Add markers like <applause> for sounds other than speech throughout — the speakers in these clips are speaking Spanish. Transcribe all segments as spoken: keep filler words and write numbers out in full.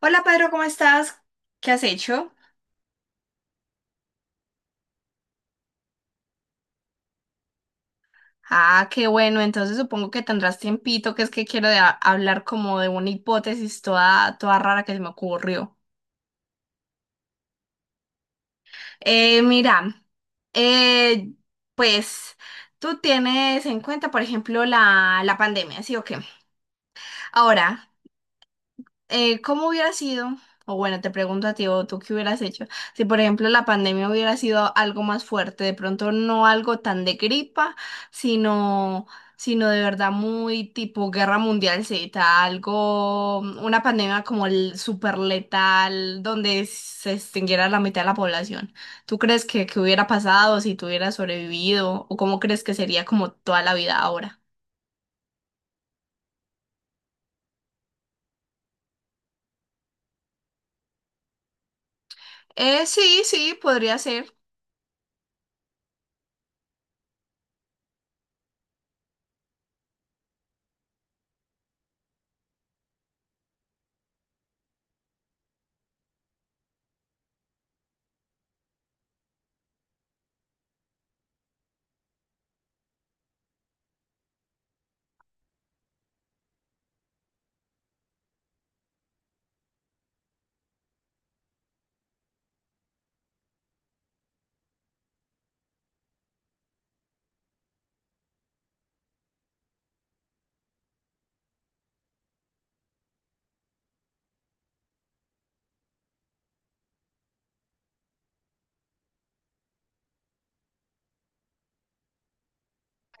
Hola Pedro, ¿cómo estás? ¿Qué has hecho? Ah, qué bueno, entonces supongo que tendrás tiempito, que es que quiero de- hablar como de una hipótesis toda, toda rara que se me ocurrió. Eh, mira, eh, pues tú tienes en cuenta, por ejemplo, la, la pandemia, ¿sí o qué? Ahora, eh, ¿cómo hubiera sido? O bueno, te pregunto a ti, o tú qué hubieras hecho, si por ejemplo la pandemia hubiera sido algo más fuerte, de pronto no algo tan de gripa, sino, sino de verdad muy tipo guerra mundial Z, algo, una pandemia como el súper letal, donde se extinguiera la mitad de la población. ¿Tú crees que, que hubiera pasado si tú hubieras sobrevivido? ¿O cómo crees que sería como toda la vida ahora? Eh, sí, sí, podría ser.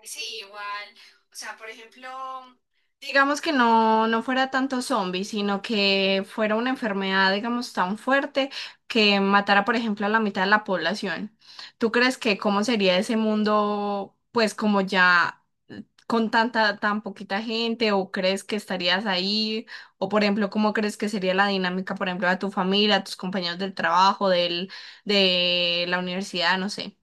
Sí, igual. O sea, por ejemplo, digamos que no, no fuera tanto zombie, sino que fuera una enfermedad, digamos, tan fuerte que matara, por ejemplo, a la mitad de la población. ¿Tú crees que cómo sería ese mundo, pues, como ya con tanta, tan poquita gente, o crees que estarías ahí? O, por ejemplo, ¿cómo crees que sería la dinámica, por ejemplo, de tu familia, tus compañeros del trabajo, del, de la universidad, no sé?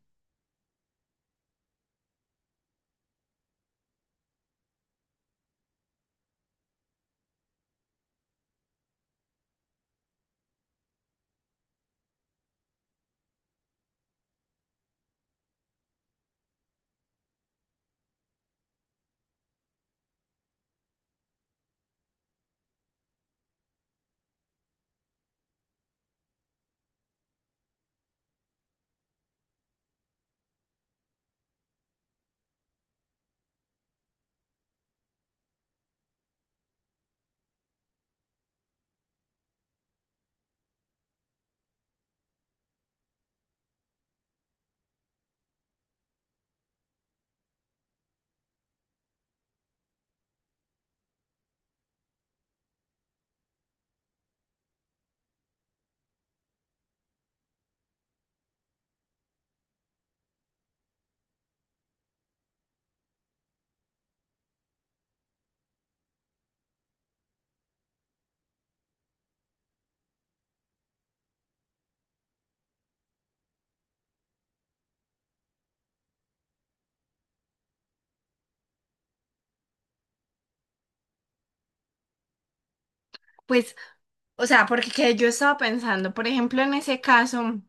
Pues, o sea, porque que yo estaba pensando, por ejemplo, en ese caso,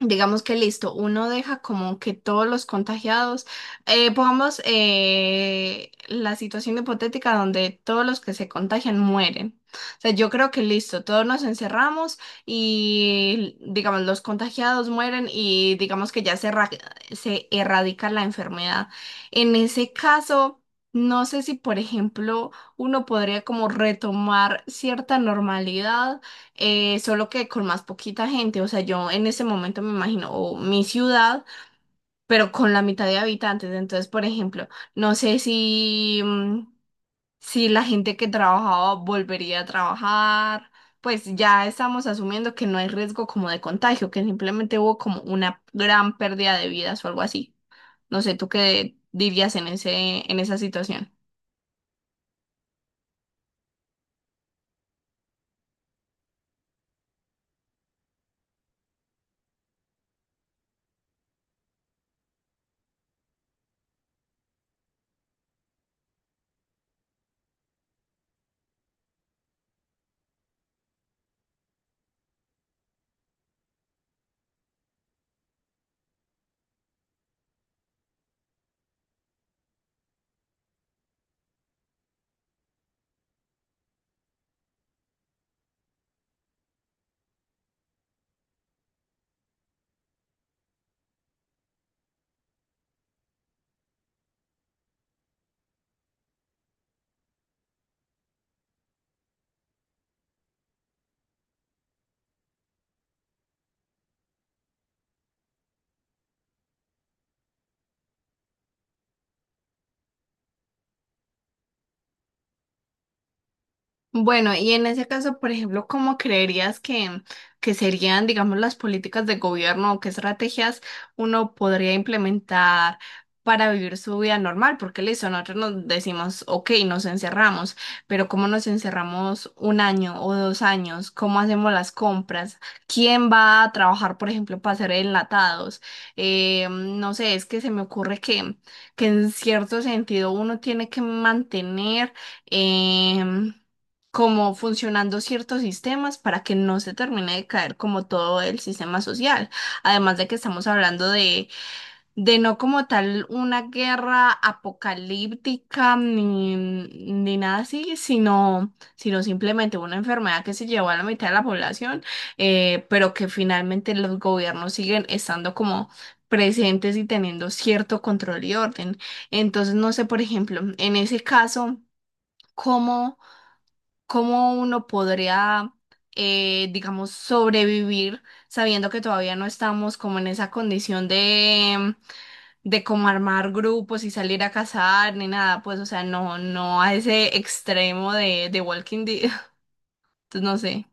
digamos que listo, uno deja como que todos los contagiados, eh, pongamos eh, la situación hipotética donde todos los que se contagian mueren. O sea, yo creo que listo, todos nos encerramos y digamos los contagiados mueren y digamos que ya se, erra- se erradica la enfermedad. En ese caso, no sé si, por ejemplo, uno podría como retomar cierta normalidad, eh, solo que con más poquita gente. O sea, yo en ese momento me imagino o mi ciudad, pero con la mitad de habitantes. Entonces, por ejemplo, no sé si, mm, si la gente que trabajaba volvería a trabajar. Pues ya estamos asumiendo que no hay riesgo como de contagio, que simplemente hubo como una gran pérdida de vidas o algo así. No sé, ¿tú qué dirías en ese, en esa situación? Bueno, y en ese caso, por ejemplo, ¿cómo creerías que, que serían, digamos, las políticas de gobierno o qué estrategias uno podría implementar para vivir su vida normal? Porque listo, nosotros nos decimos, ok, nos encerramos, pero ¿cómo nos encerramos un año o dos años? ¿Cómo hacemos las compras? ¿Quién va a trabajar, por ejemplo, para hacer enlatados? Eh, no sé, es que se me ocurre que, que en cierto sentido uno tiene que mantener, em, como funcionando ciertos sistemas para que no se termine de caer como todo el sistema social. Además de que estamos hablando de, de no como tal una guerra apocalíptica ni, ni nada así, sino, sino simplemente una enfermedad que se llevó a la mitad de la población, eh, pero que finalmente los gobiernos siguen estando como presentes y teniendo cierto control y orden. Entonces, no sé, por ejemplo, en ese caso, ¿cómo? ¿Cómo uno podría, eh, digamos, sobrevivir sabiendo que todavía no estamos como en esa condición de, de como armar grupos y salir a cazar ni nada, pues, o sea, no, no a ese extremo de, de Walking Dead, <laughs> entonces no sé.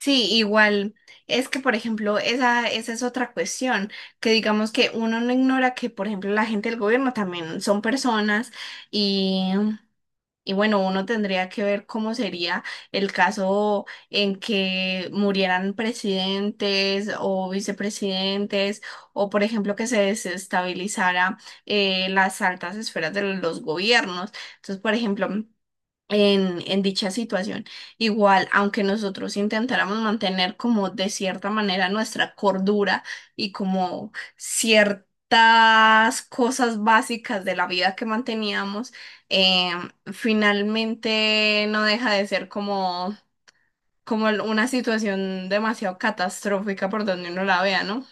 Sí, igual. Es que, por ejemplo, esa, esa es otra cuestión, que digamos que uno no ignora que, por ejemplo, la gente del gobierno también son personas. Y bueno, uno tendría que ver cómo sería el caso en que murieran presidentes o vicepresidentes, o por ejemplo que se desestabilizara eh, las altas esferas de los gobiernos. Entonces, por ejemplo, en, en dicha situación. Igual, aunque nosotros intentáramos mantener como de cierta manera nuestra cordura y como ciertas cosas básicas de la vida que manteníamos, eh, finalmente no deja de ser como, como una situación demasiado catastrófica por donde uno la vea, ¿no?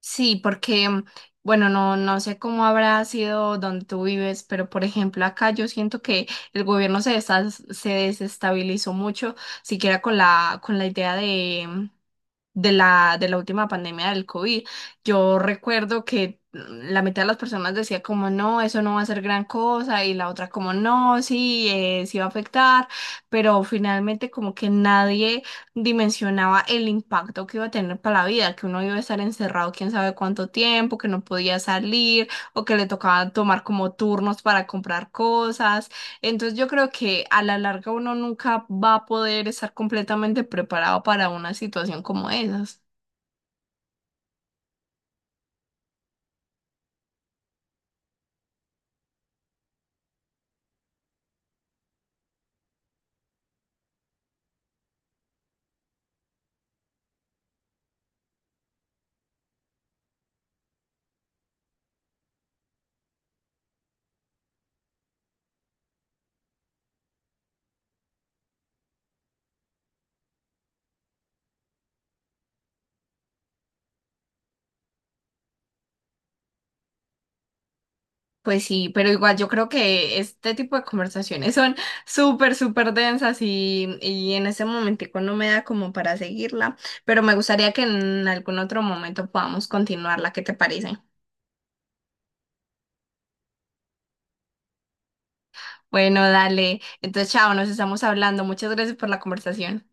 Sí, porque, mm, bueno, no, no sé cómo habrá sido donde tú vives, pero por ejemplo, acá yo siento que el gobierno se, desas- se desestabilizó mucho, siquiera con la, con la idea de, mm, de la, de la última pandemia del COVID. Yo recuerdo que mm, la mitad de las personas decía como no, eso no va a ser gran cosa y la otra como no, sí, eh, sí va a afectar, pero finalmente como que nadie dimensionaba el impacto que iba a tener para la vida, que uno iba a estar encerrado quién sabe cuánto tiempo, que no podía salir o que le tocaba tomar como turnos para comprar cosas, entonces yo creo que a la larga uno nunca va a poder estar completamente preparado para una situación como esas. Pues sí, pero igual yo creo que este tipo de conversaciones son <laughs> súper, súper densas y, y en ese momentico no me da como para seguirla, pero me gustaría que en algún otro momento podamos continuarla, ¿qué te parece? Bueno, dale. Entonces, chao, nos estamos hablando. Muchas gracias por la conversación.